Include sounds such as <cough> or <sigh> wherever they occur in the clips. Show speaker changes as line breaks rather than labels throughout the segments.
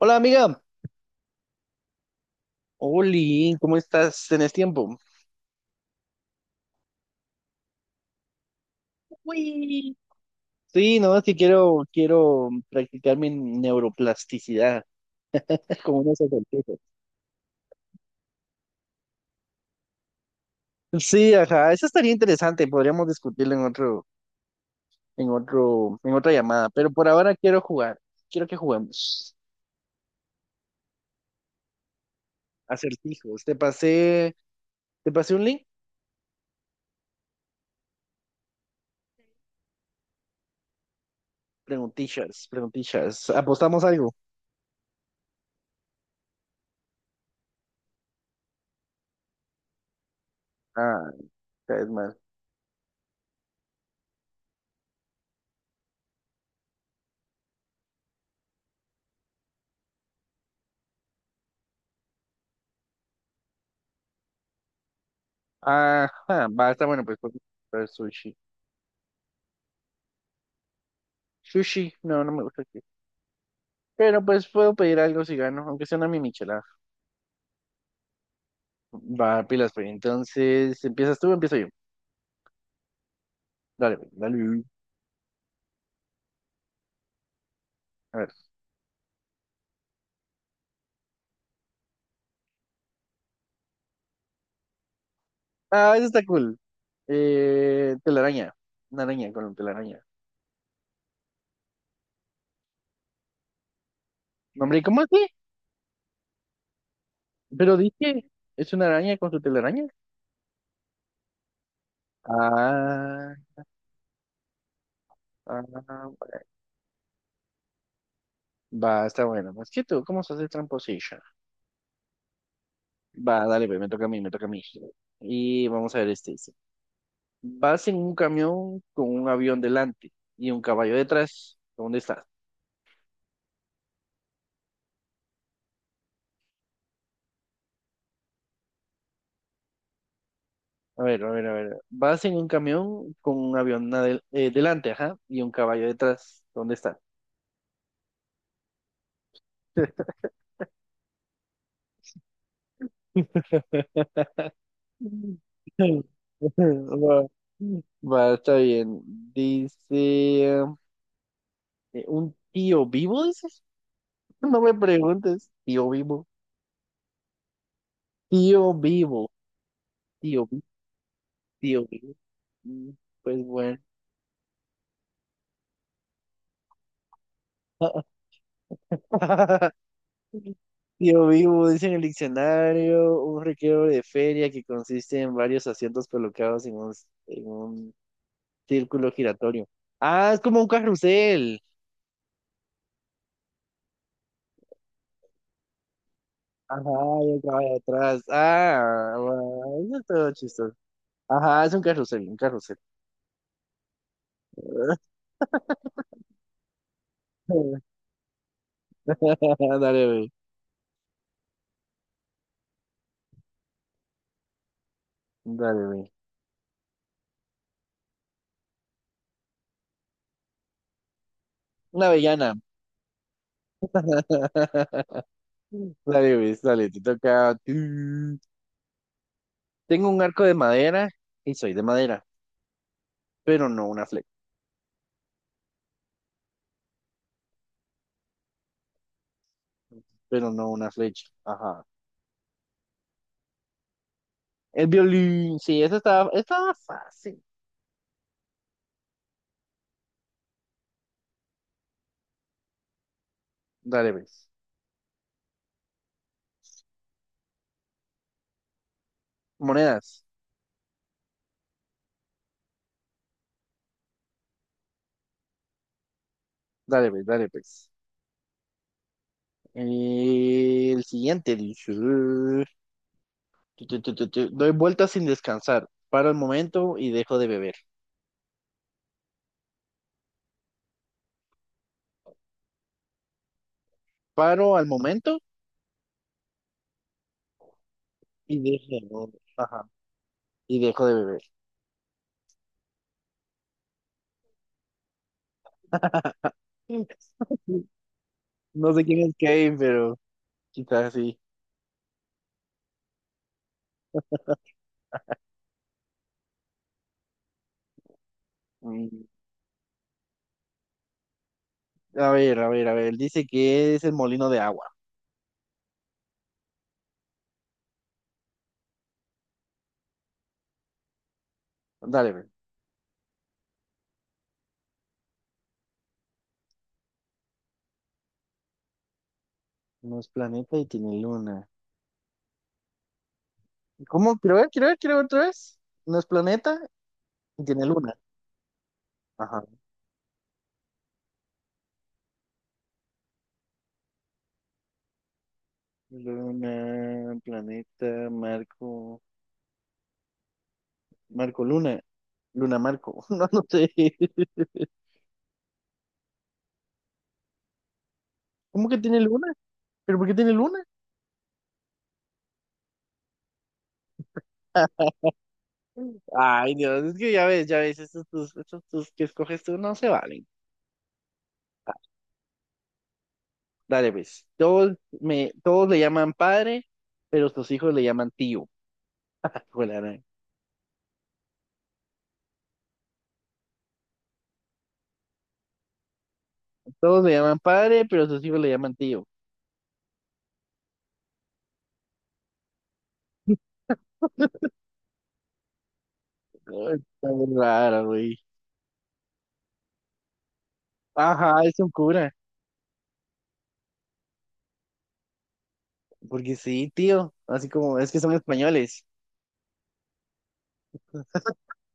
Hola, amiga, Oli, ¿cómo estás? ¿Tenés tiempo? Uy, Sí, no, es que quiero practicar mi neuroplasticidad <laughs> como unos ejercicios. Sí, ajá, eso estaría interesante, podríamos discutirlo en otra llamada, pero por ahora quiero jugar, quiero que juguemos. Acertijos, te pasé un link, preguntillas, apostamos algo. Ah, es mal. Ajá, basta, bueno, pues, sushi. Sushi, no, no me gusta. Pero pues puedo pedir algo si gano, aunque sea una mi michelada. Va, pilas, pues. Entonces, ¿empiezas tú o empiezo yo? Dale, pues, dale. A ver. Ah, eso está cool. Telaraña. Una araña con telaraña. No, hombre, ¿cómo así? Pero dije, ¿es una araña con su telaraña? Ah, ah, va, está bueno. Pues que tú, ¿cómo se hace, tramposillo? Va, dale, pues, me toca a mí. Y vamos a ver este. Dice, vas en un camión con un avión delante y un caballo detrás. ¿Dónde estás? A ver, a ver, a ver. Vas en un camión con un avión delante, ajá, y un caballo detrás. ¿Dónde está? <laughs> Va, va, está bien. Dice, ¿un tío vivo, dices? <laughs> No me preguntes. Tío vivo. Tío vivo. Tío vivo. Tío vivo. Mm, Pues bueno. <laughs> Yo vivo, dice en el diccionario, un recreo de feria que consiste en varios asientos colocados en un círculo giratorio. Ah, es como un carrusel. Ajá, yo acá de atrás. Ah, bueno, eso es todo chistoso. Ajá, es un carrusel, un carrusel. <laughs> Dale, güey. Dale, güey. Una avellana. <laughs> Dale, güey, dale, te toca. Tengo un arco de madera y soy de madera, pero no una flecha. Pero no una flecha. Ajá. El violín, sí, esta estaba fácil. Dale, pues. Monedas. Dale, pues, dale, pues. El siguiente dice, doy vueltas sin descansar. Paro al momento y dejo de beber. Paro al momento y dejo de beber. Ajá, y dejo de beber. <laughs> No sé quién es Kane, pero quizás sí. Mm, A ver, a ver, a ver. Dice que es el molino de agua. Dale, ve. No es planeta y tiene luna. ¿Cómo? Quiero ver, quiero ver, quiero ver otra vez. No es planeta y tiene luna. Ajá. Luna, planeta, Marco, Marco Luna. Luna Marco. <laughs> No, no sé. <laughs> ¿Cómo que tiene luna? ¿Pero por qué tiene luna? <laughs> Ay, Dios, es que ya ves, estos tus que escoges tú no se valen. Ah, Dale, pues. Todos le llaman padre, pero sus hijos le llaman tío. Hijo de la gran- Todos le llaman padre, pero sus hijos le llaman tío. <laughs> Ay, está muy rara, güey. Ajá, es un cura. Porque sí, tío. Así como, es que son españoles.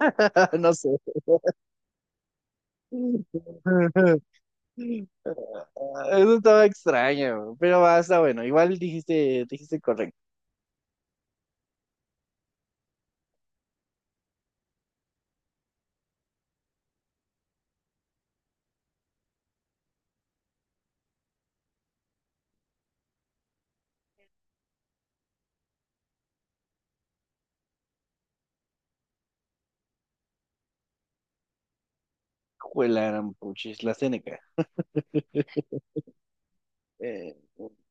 <laughs> No sé. Eso estaba extraño, pero va, está bueno. Igual dijiste, dijiste correcto. Juela, gran puchis, la Seneca. Eh,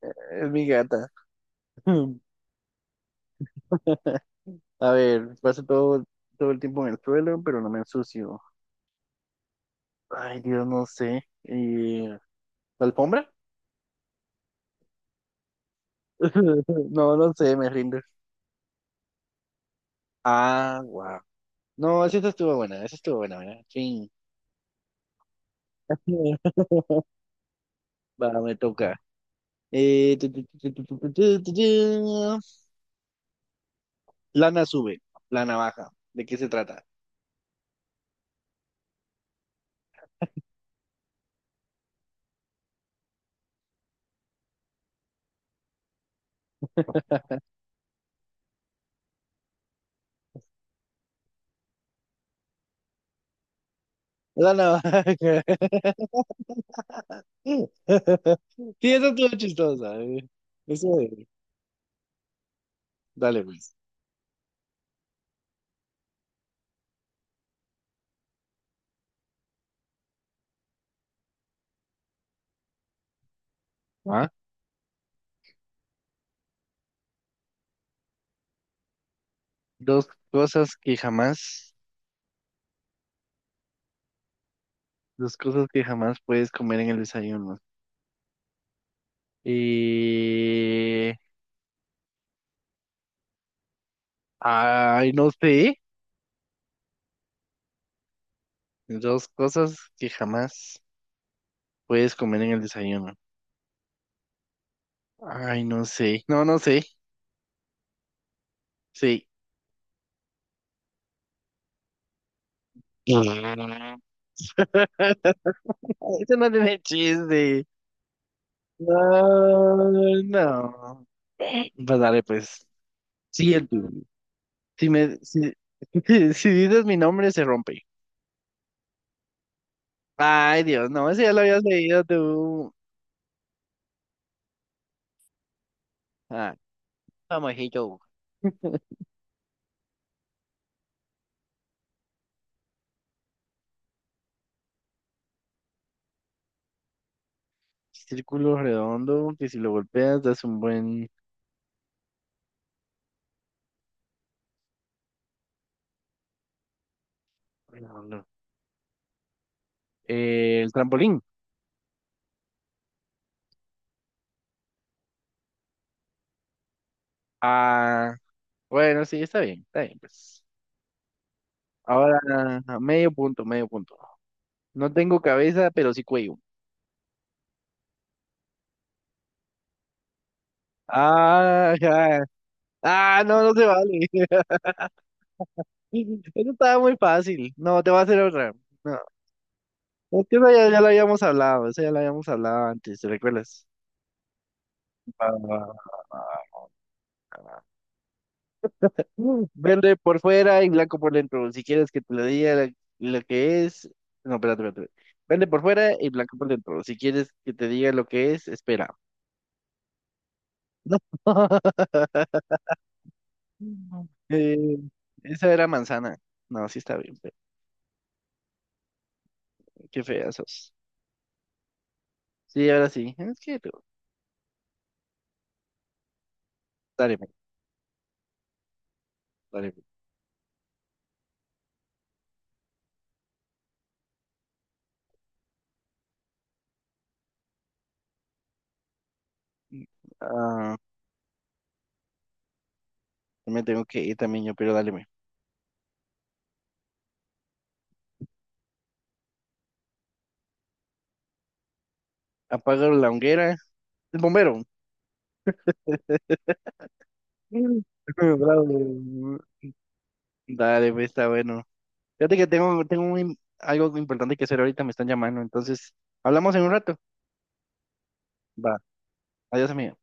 eh, es mi gata. <laughs> A ver, todo el tiempo en el suelo, pero no me ensucio. Ay, Dios, no sé. ¿Y la alfombra? <laughs> No, no sé, me rindo. Ah, wow. No, esa estuvo buena, esa estuvo buena, ¿verdad? Sí. <laughs> Va, me toca. Tu, tu, tu, tu, tu, tu, tu, tu, tu. Lana sube, la navaja. ¿De qué se trata? <laughs> La navaja. <laughs> Sí, eso estuvo chistosa. Eso, eh, dale, pues. Ah, Dos cosas que jamás, dos cosas que jamás puedes comer en el desayuno. Eh, ay, no sé. Dos cosas que jamás puedes comer en el desayuno. Ay, no sé. No, no sé. Sí. <laughs> Eso no tiene chiste. No, no. Pues dale, pues. Sí, el tuyo. Si me, si, <laughs> si dices mi nombre, se rompe. Ay, Dios, no, ese ya lo habías leído tú. Ah, famosito. Círculo redondo, que si lo golpeas das un buen... redondo. El trampolín. Ah, bueno, sí, está bien, pues. Ahora, medio punto, medio punto. No tengo cabeza, pero sí cuello. Ah, ya. Ah, no, no se vale. <laughs> Eso estaba muy fácil. No, te voy a hacer otra. No, es que ya lo habíamos hablado, esa ya la habíamos hablado antes, ¿te recuerdas? Va, va, va, va. Verde por fuera y blanco por dentro. Si quieres que te lo diga la- lo que es. No, espérate. Verde por fuera y blanco por dentro. Si quieres que te diga lo que es, espera. No. <laughs> Mm. Eh, esa era manzana. No, sí está bien. Pero qué fea sos. Sí, ahora sí. Es que tú. Dale, men, dale. Men. Ah, yo me tengo que ir también yo, pero dale. Men. Apaga la hoguera. El bombero. Mm. <laughs> Bravo. Dale, pues, está bueno. Fíjate que tengo un algo importante que hacer ahorita, me están llamando. Entonces, hablamos en un rato. Va. Adiós, amigo.